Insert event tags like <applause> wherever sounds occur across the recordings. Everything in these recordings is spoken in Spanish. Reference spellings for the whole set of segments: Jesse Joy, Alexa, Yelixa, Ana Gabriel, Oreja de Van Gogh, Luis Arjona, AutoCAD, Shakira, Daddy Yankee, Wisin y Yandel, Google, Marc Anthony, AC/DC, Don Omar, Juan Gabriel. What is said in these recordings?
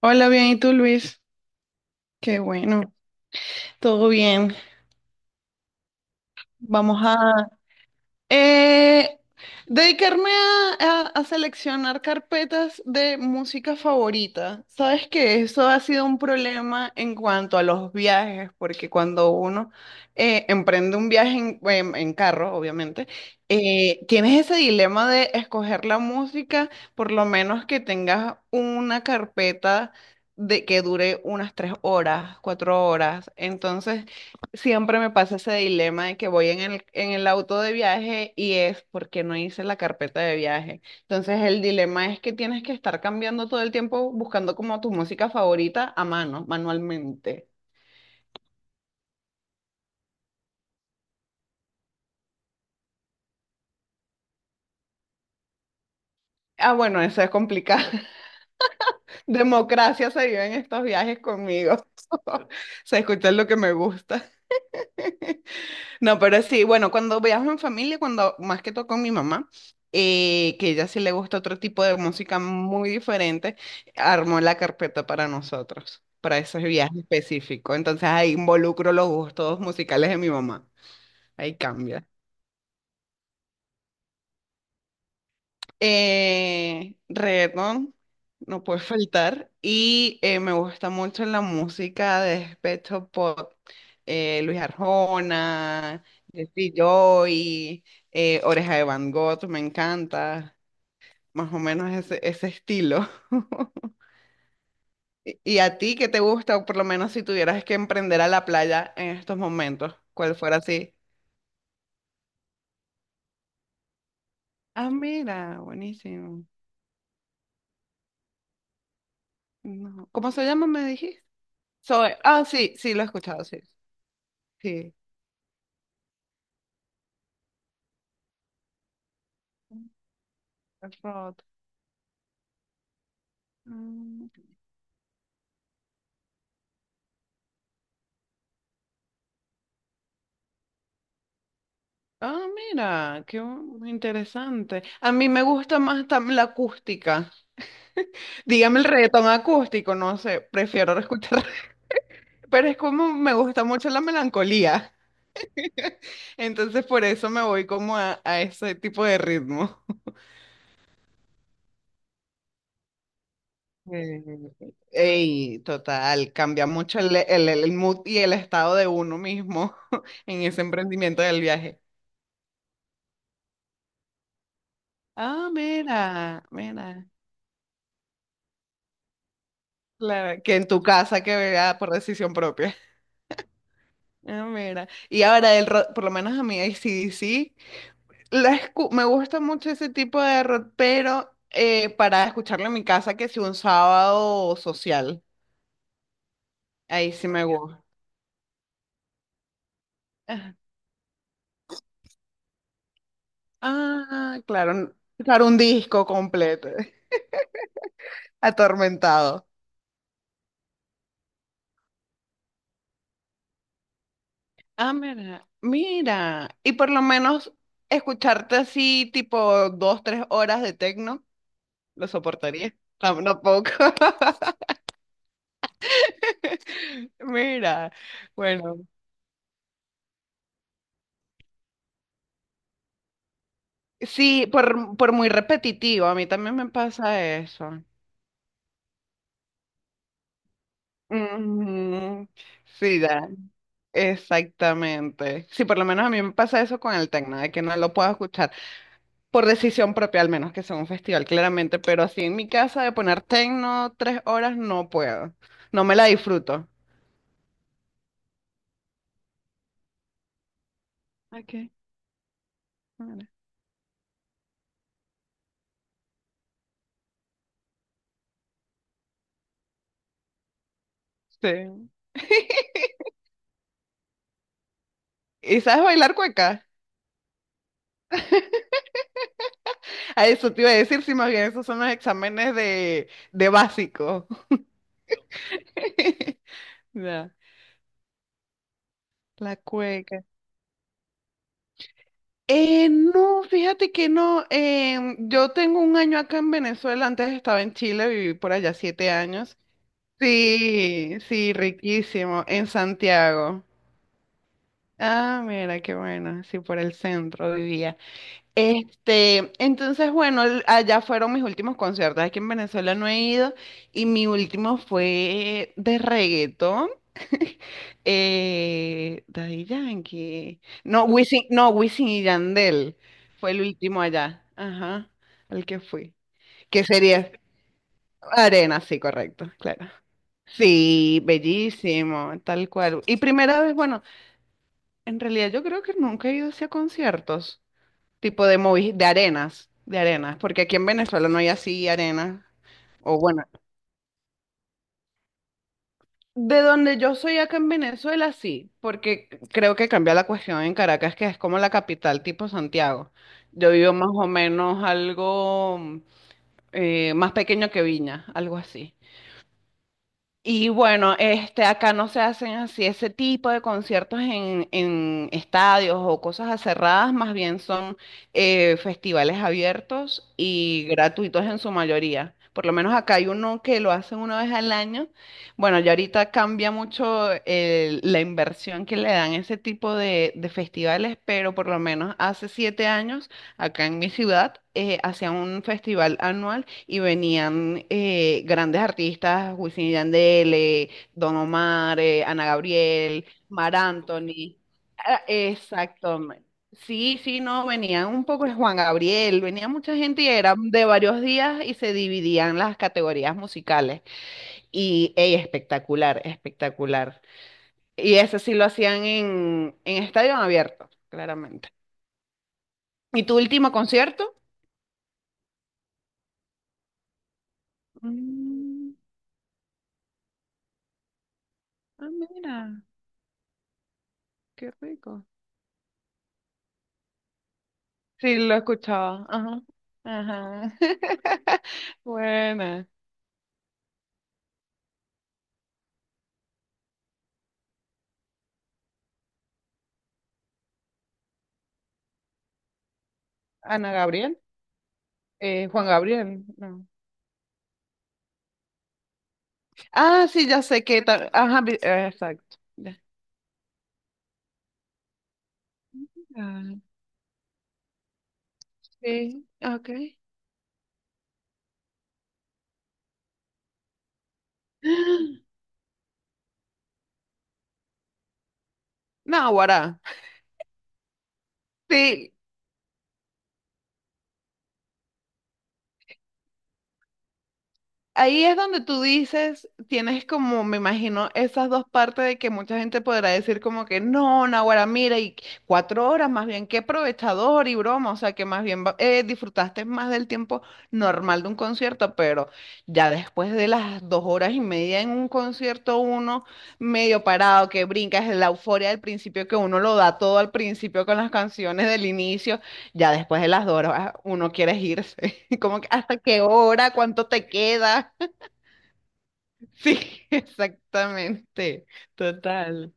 Hola, bien, ¿y tú, Luis? Qué bueno, todo bien. Vamos a, Eh, dedicarme a seleccionar carpetas de música favorita. Sabes que eso ha sido un problema en cuanto a los viajes, porque cuando uno emprende un viaje en carro, obviamente, tienes ese dilema de escoger la música, por lo menos que tengas una carpeta de que dure unas tres horas, cuatro horas. Entonces, siempre me pasa ese dilema de que voy en el auto de viaje y es porque no hice la carpeta de viaje. Entonces el dilema es que tienes que estar cambiando todo el tiempo buscando como tu música favorita a mano, manualmente. Ah, bueno, eso es complicado. <laughs> Democracia se vive en estos viajes conmigo. <laughs> Se escucha lo que me gusta. <laughs> No, pero sí, bueno, cuando viajo en familia, cuando más que todo con mi mamá, que ella sí le gusta otro tipo de música muy diferente, armó la carpeta para nosotros, para ese viaje específico. Entonces ahí involucro los gustos musicales de mi mamá. Ahí cambia. Reggaetón, no puede <laughs> faltar. Y me gusta mucho la música de despecho pop. Luis Arjona, Jesse Joy, Oreja de Van Gogh, me encanta. Más o menos ese estilo. <laughs> ¿Y a ti qué te gusta? O por lo menos si tuvieras que emprender a la playa en estos momentos, ¿cuál fuera así? Ah, mira, buenísimo. No. ¿Cómo se llama, me dijiste? Soy, ah, sí, sí, lo he escuchado, sí. Sí. Rod. Mm. Ah, mira, interesante. A mí me gusta más la acústica. Dígame el reggaetón acústico, no sé, prefiero escuchar, <laughs> pero es como me gusta mucho la melancolía. Entonces por eso me voy como a ese tipo de ritmo. <laughs> Eh, Ey, total, cambia mucho el mood y el estado de uno mismo en ese emprendimiento del viaje. Ah, mira, mira. Claro, que en tu casa que vea por decisión propia. Ah, mira. Y ahora, el rock, por lo menos a mí, AC/DC, me gusta mucho ese tipo de rock, pero para escucharlo en mi casa, que si un sábado social, ahí sí me gusta. Ah, ah, claro, n- claro, un disco completo, <laughs> atormentado. Ah, mira, mira. Y por lo menos escucharte así, tipo dos, tres horas de tecno, lo soportaría. Tampoco. <laughs> <laughs> Mira, bueno, sí, por muy repetitivo, a mí también me pasa eso. Ujú, sí, da, exactamente. Sí, por lo menos a mí me pasa eso con el tecno, de que no lo puedo escuchar por decisión propia, al menos que sea un festival, claramente, pero así en mi casa de poner tecno tres horas no puedo, no me la disfruto. Ok, mira, sí. <laughs> ¿Y sabes bailar cueca? A eso te iba a decir, si más bien esos son los exámenes de básico. <laughs> Ya, la cueca. No, fíjate que no. Yo tengo un año acá en Venezuela, antes estaba en Chile, viví por allá siete años. Sí, sí, riquísimo, en Santiago. Ah, mira, qué bueno, sí, por el centro vivía. Este, entonces, bueno, allá fueron mis últimos conciertos. Aquí en Venezuela no he ido y mi último fue de reggaetón. <laughs> Daddy Yankee. No, Wisin, no, Wisin y Yandel fue el último allá. Ajá, al que fui. Que sería Arena, sí, correcto, claro. Sí, bellísimo, tal cual. Y primera vez, bueno, en realidad yo creo que nunca he ido hacia conciertos. De arenas, de arenas, porque aquí en Venezuela no hay así arenas. O bueno, de donde yo soy acá en Venezuela sí, porque creo que cambia la cuestión en Caracas, que es como la capital tipo Santiago. Yo vivo más o menos algo más pequeño que Viña, algo así. Y bueno, este, acá no se hacen así ese tipo de conciertos en estadios o cosas cerradas, más bien son festivales abiertos y gratuitos en su mayoría. Por lo menos acá hay uno que lo hacen una vez al año. Bueno, ya ahorita cambia mucho la inversión que le dan a ese tipo de festivales, pero por lo menos hace siete años, acá en mi ciudad, hacían un festival anual y venían grandes artistas, Wisin y Yandel, Don Omar, Ana Gabriel, Mar Anthony. Ah, exacto. Sí, sí, no, venían un poco de Juan Gabriel, venía mucha gente y eran de varios días y se dividían las categorías musicales. Y ey, espectacular, espectacular. Y eso sí lo hacían en estadio abierto, claramente. ¿Y tu último concierto? Mm, ah, mira, qué rico. Sí, lo escuchaba. Ajá. Ajá. <laughs> Buena. Ana Gabriel. Juan Gabriel. No. Ah, sí, ya sé que. Ajá, exacto. Ya. Ah, sí, ok. <gasps> No, guará. Sí, ahí es donde tú dices, tienes como, me imagino, esas dos partes de que mucha gente podrá decir como que no, Naguará, mira, y cuatro horas, más bien qué aprovechador y broma, o sea que más bien disfrutaste más del tiempo normal de un concierto, pero ya después de las dos horas y media en un concierto, uno medio parado, que brincas, la euforia del principio, que uno lo da todo al principio con las canciones del inicio, ya después de las dos horas uno quiere irse. <laughs> Como que hasta qué hora, cuánto te queda. <laughs> Sí, exactamente. Total.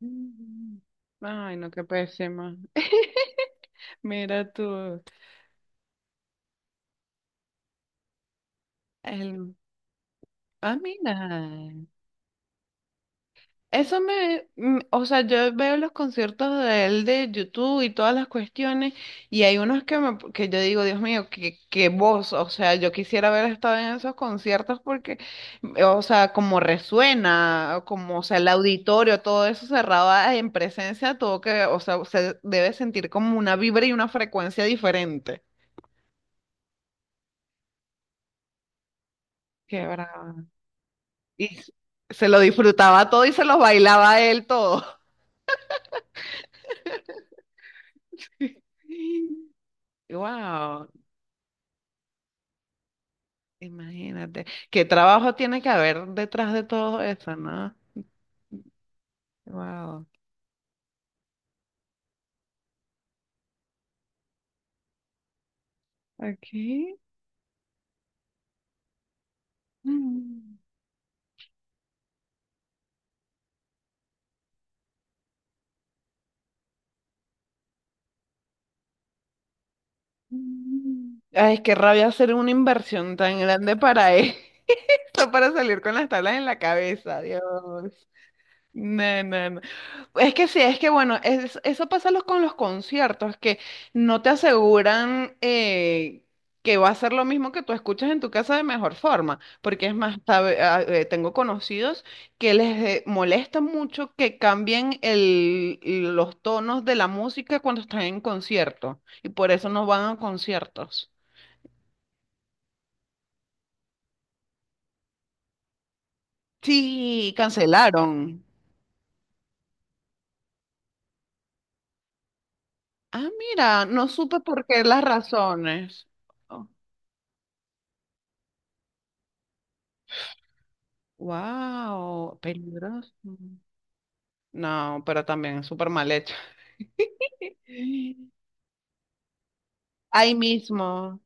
Mm. Ay, no, qué pésima. <laughs> Mira tú. El... Ah, mira. Eso me, mm, o sea, yo veo los conciertos de él de YouTube y todas las cuestiones, y hay unos que me, que yo digo, Dios mío, qué, qué voz, o sea, yo quisiera haber estado en esos conciertos porque, mm, o sea, como resuena, o como, o sea, el auditorio, todo eso cerrado en presencia, todo que, o sea, se debe sentir como una vibra y una frecuencia diferente. Qué brava. Y s- Se lo disfrutaba todo y se lo bailaba a él todo. <laughs> Wow. Imagínate. ¿Qué trabajo tiene que haber detrás de todo eso, no? Wow. Aquí. Mm. Mm. Ay, es que rabia hacer una inversión tan grande para <laughs> eso, para salir con las tablas en la cabeza, Dios. No, no, no. Es que sí, es que bueno, eso pasa con los conciertos, que no te aseguran que va a ser lo mismo que tú escuchas en tu casa de mejor forma, porque es más, tengo conocidos que les molesta mucho que cambien los tonos de la música cuando están en concierto, y por eso no van a conciertos. Sí, cancelaron. Ah, mira, no supe por qué las razones. Wow, peligroso. No, pero también es súper mal hecho. <laughs> Ahí mismo.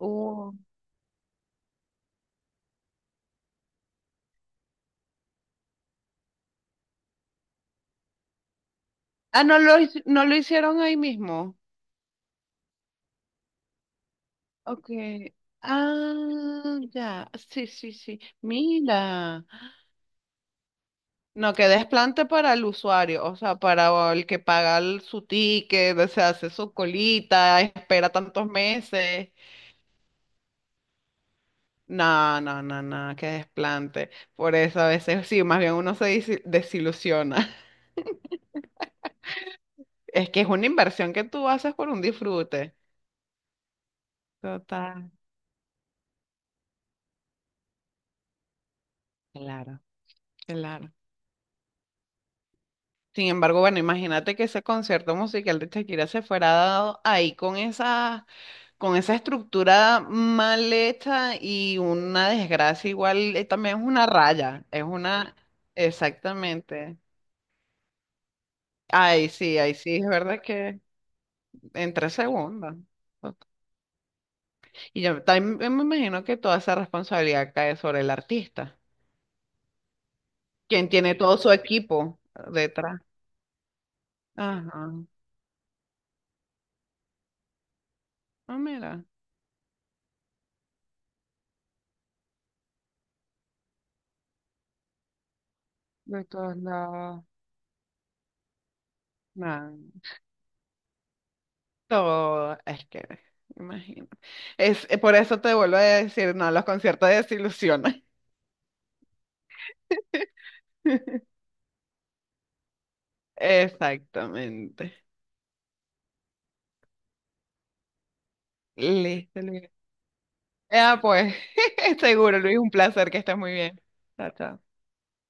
Uh. Ah, no lo, no lo hicieron ahí mismo. Ok. Ah, ya. Sí, sí, sí. Mira. No, que desplante para el usuario, o sea, para el que paga su ticket, o sea, hace su colita, espera tantos meses. No, no, no, no, que desplante. Por eso a veces sí, más bien uno desilusiona. <laughs> Es que es una inversión que tú haces por un disfrute. Total. Claro, claro. Sin embargo, bueno, imagínate que ese concierto musical de Shakira se fuera dado ahí con esa estructura mal hecha y una desgracia igual, también es una raya, es una, exactamente. Ay, sí, ahí sí, es verdad que en tres segundos. Ok. Y yo también me imagino que toda esa responsabilidad cae sobre el artista, quien tiene todo su equipo detrás. Ajá. Ah, mira. De todos lados. No, todo, es que, me imagino. Es, por eso te vuelvo a decir, no, los conciertos desilusionan. <laughs> Exactamente. Listo, Luis. Ah, pues, <laughs> seguro, Luis, un placer, que estés muy bien. Chao, chao.